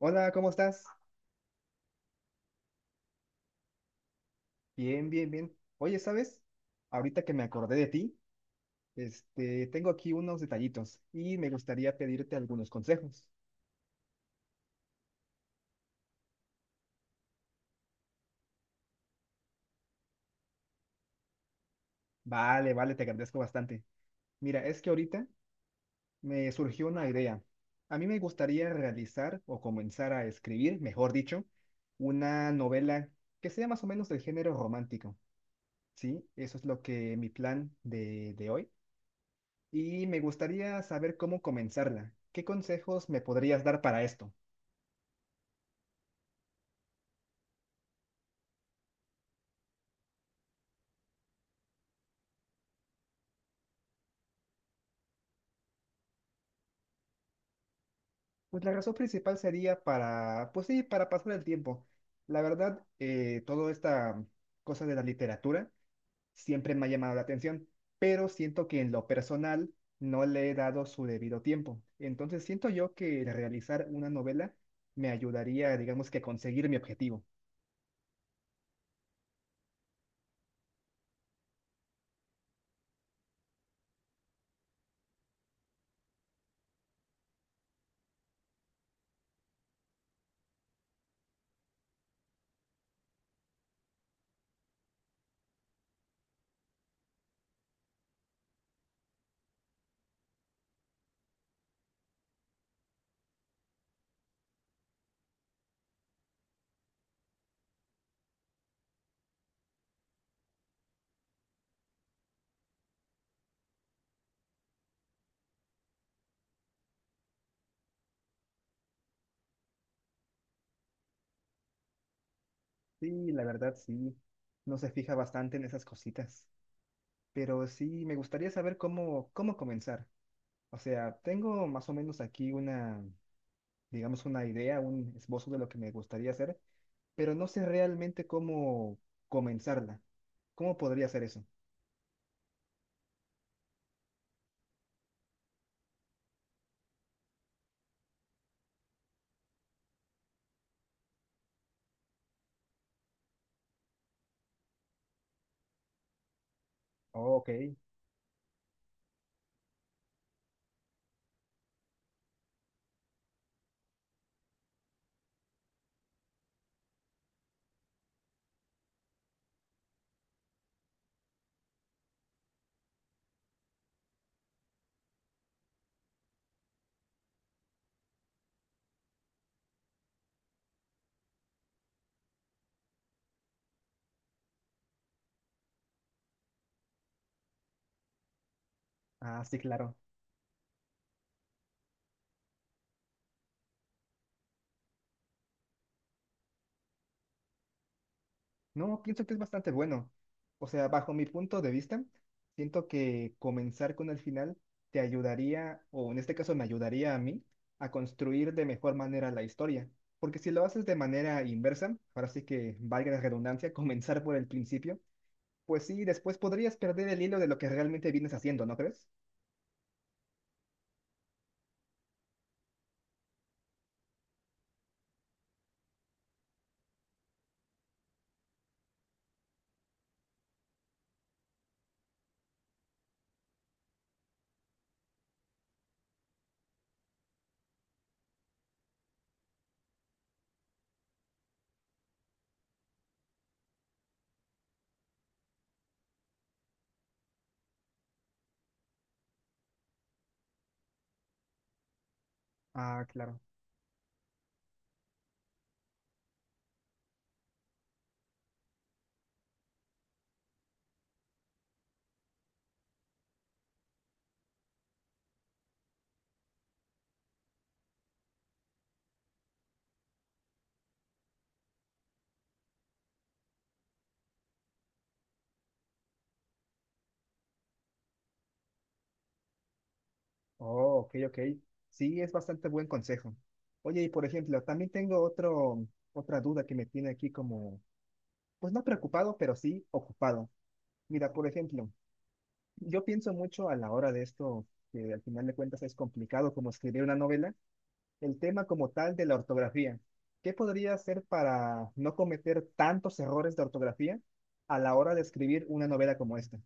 Hola, ¿cómo estás? Bien, bien, bien. Oye, ¿sabes? Ahorita que me acordé de ti, tengo aquí unos detallitos y me gustaría pedirte algunos consejos. Vale, vale, te agradezco bastante. Mira, es que ahorita me surgió una idea. A mí me gustaría realizar o comenzar a escribir, mejor dicho, una novela que sea más o menos del género romántico. Sí, eso es lo que mi plan de hoy. Y me gustaría saber cómo comenzarla. ¿Qué consejos me podrías dar para esto? Pues la razón principal sería para, pues sí, para pasar el tiempo. La verdad, toda esta cosa de la literatura siempre me ha llamado la atención, pero siento que en lo personal no le he dado su debido tiempo. Entonces siento yo que el realizar una novela me ayudaría, digamos que a conseguir mi objetivo. Sí, la verdad, sí. No se fija bastante en esas cositas. Pero sí, me gustaría saber cómo comenzar. O sea, tengo más o menos aquí una, digamos, una idea, un esbozo de lo que me gustaría hacer, pero no sé realmente cómo comenzarla. ¿Cómo podría hacer eso? Oh, ok. Ah, sí, claro. No, pienso que es bastante bueno. O sea, bajo mi punto de vista, siento que comenzar con el final te ayudaría, o en este caso me ayudaría a mí, a construir de mejor manera la historia. Porque si lo haces de manera inversa, ahora sí que valga la redundancia, comenzar por el principio, pues sí, después podrías perder el hilo de lo que realmente vienes haciendo, ¿no crees? Ah, claro. Oh, ok, ok. Sí, es bastante buen consejo. Oye, y por ejemplo, también tengo otra duda que me tiene aquí como, pues no preocupado, pero sí ocupado. Mira, por ejemplo, yo pienso mucho a la hora de esto, que al final de cuentas es complicado como escribir una novela, el tema como tal de la ortografía. ¿Qué podría hacer para no cometer tantos errores de ortografía a la hora de escribir una novela como esta?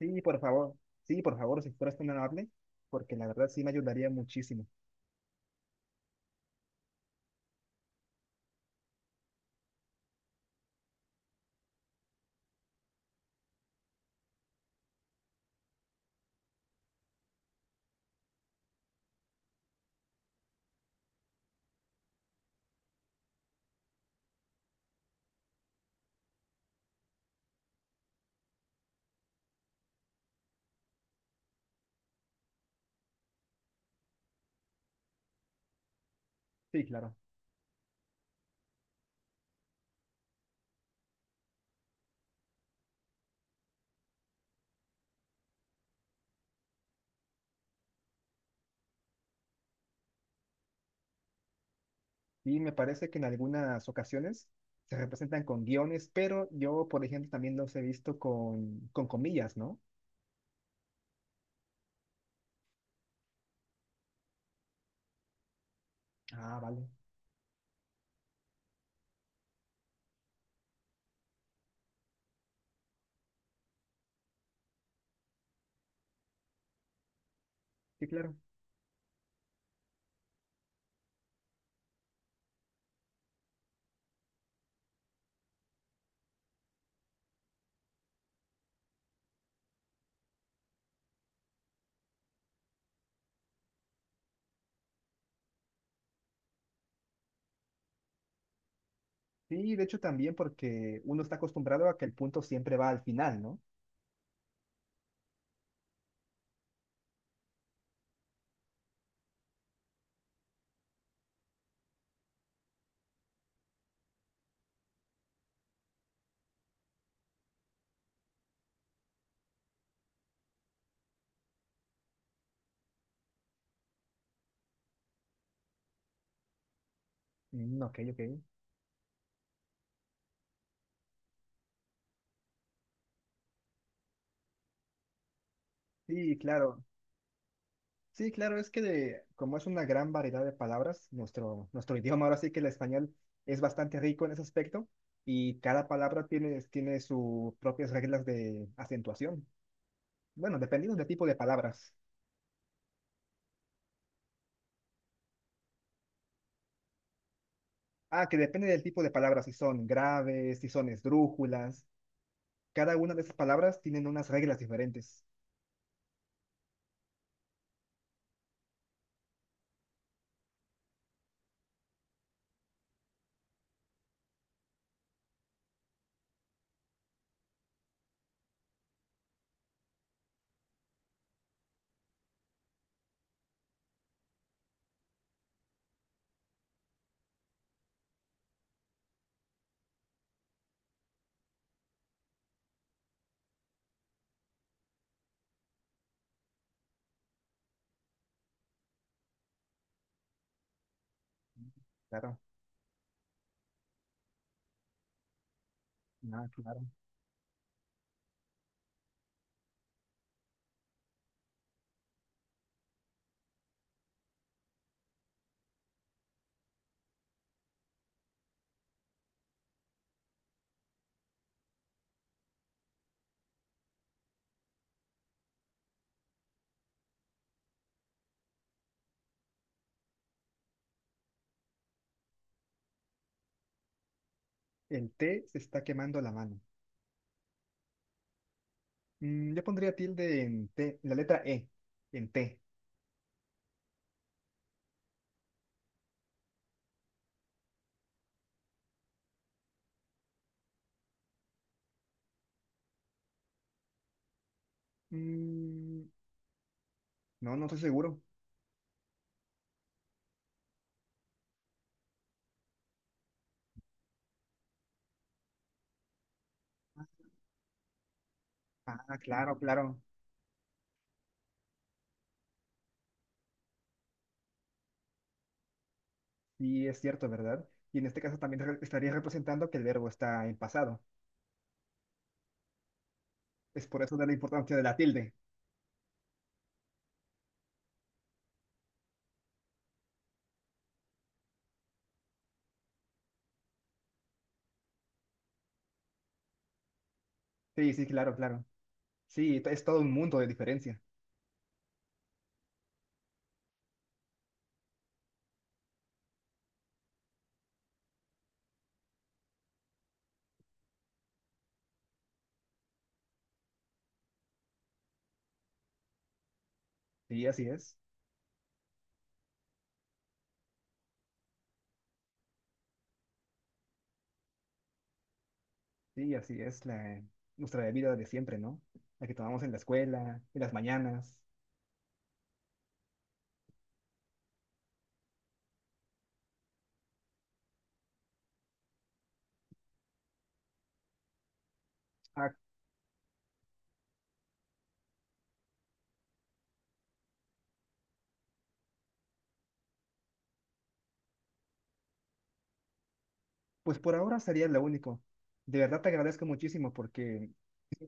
Sí, por favor. Sí, por favor, si fueras tan amable, porque la verdad sí me ayudaría muchísimo. Sí, claro. Y me parece que en algunas ocasiones se representan con guiones, pero yo, por ejemplo, también los he visto con comillas, ¿no? Ah, vale. Sí, claro. Sí, de hecho también porque uno está acostumbrado a que el punto siempre va al final, ¿no? Mm, ok, ok. Sí, claro. Sí, claro, es que como es una gran variedad de palabras, nuestro idioma ahora sí que el español es bastante rico en ese aspecto y cada palabra tiene sus propias reglas de acentuación. Bueno, dependiendo del tipo de palabras. Ah, que depende del tipo de palabras, si son graves, si son esdrújulas. Cada una de esas palabras tienen unas reglas diferentes. Claro, ah, claro. El T se está quemando la mano. Mm, yo pondría tilde en T, en la letra E, en T. Mm, No, no estoy seguro. Ah, claro, claro. Sí, es cierto, ¿verdad? Y en este caso también estaría representando que el verbo está en pasado. Es por eso de la importancia de la tilde. Sí, sí, claro, claro. Sí, es todo un mundo de diferencia. Sí, así es. Sí, así es la, nuestra vida de siempre, ¿no? La que tomamos en la escuela, en las mañanas. Ah, pues por ahora sería lo único. De verdad te agradezco muchísimo porque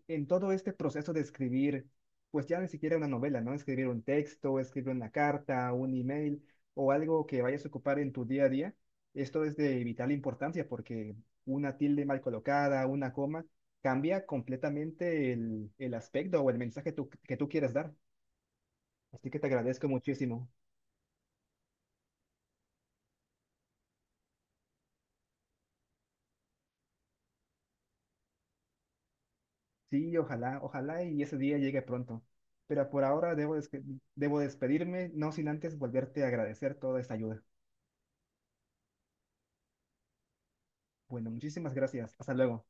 en todo este proceso de escribir, pues ya ni siquiera una novela, ¿no? Escribir un texto, escribir una carta, un email o algo que vayas a ocupar en tu día a día, esto es de vital importancia porque una tilde mal colocada, una coma, cambia completamente el aspecto o el mensaje que tú quieres dar. Así que te agradezco muchísimo. Sí, ojalá, ojalá y ese día llegue pronto. Pero por ahora debo despedirme, no sin antes volverte a agradecer toda esta ayuda. Bueno, muchísimas gracias. Hasta luego.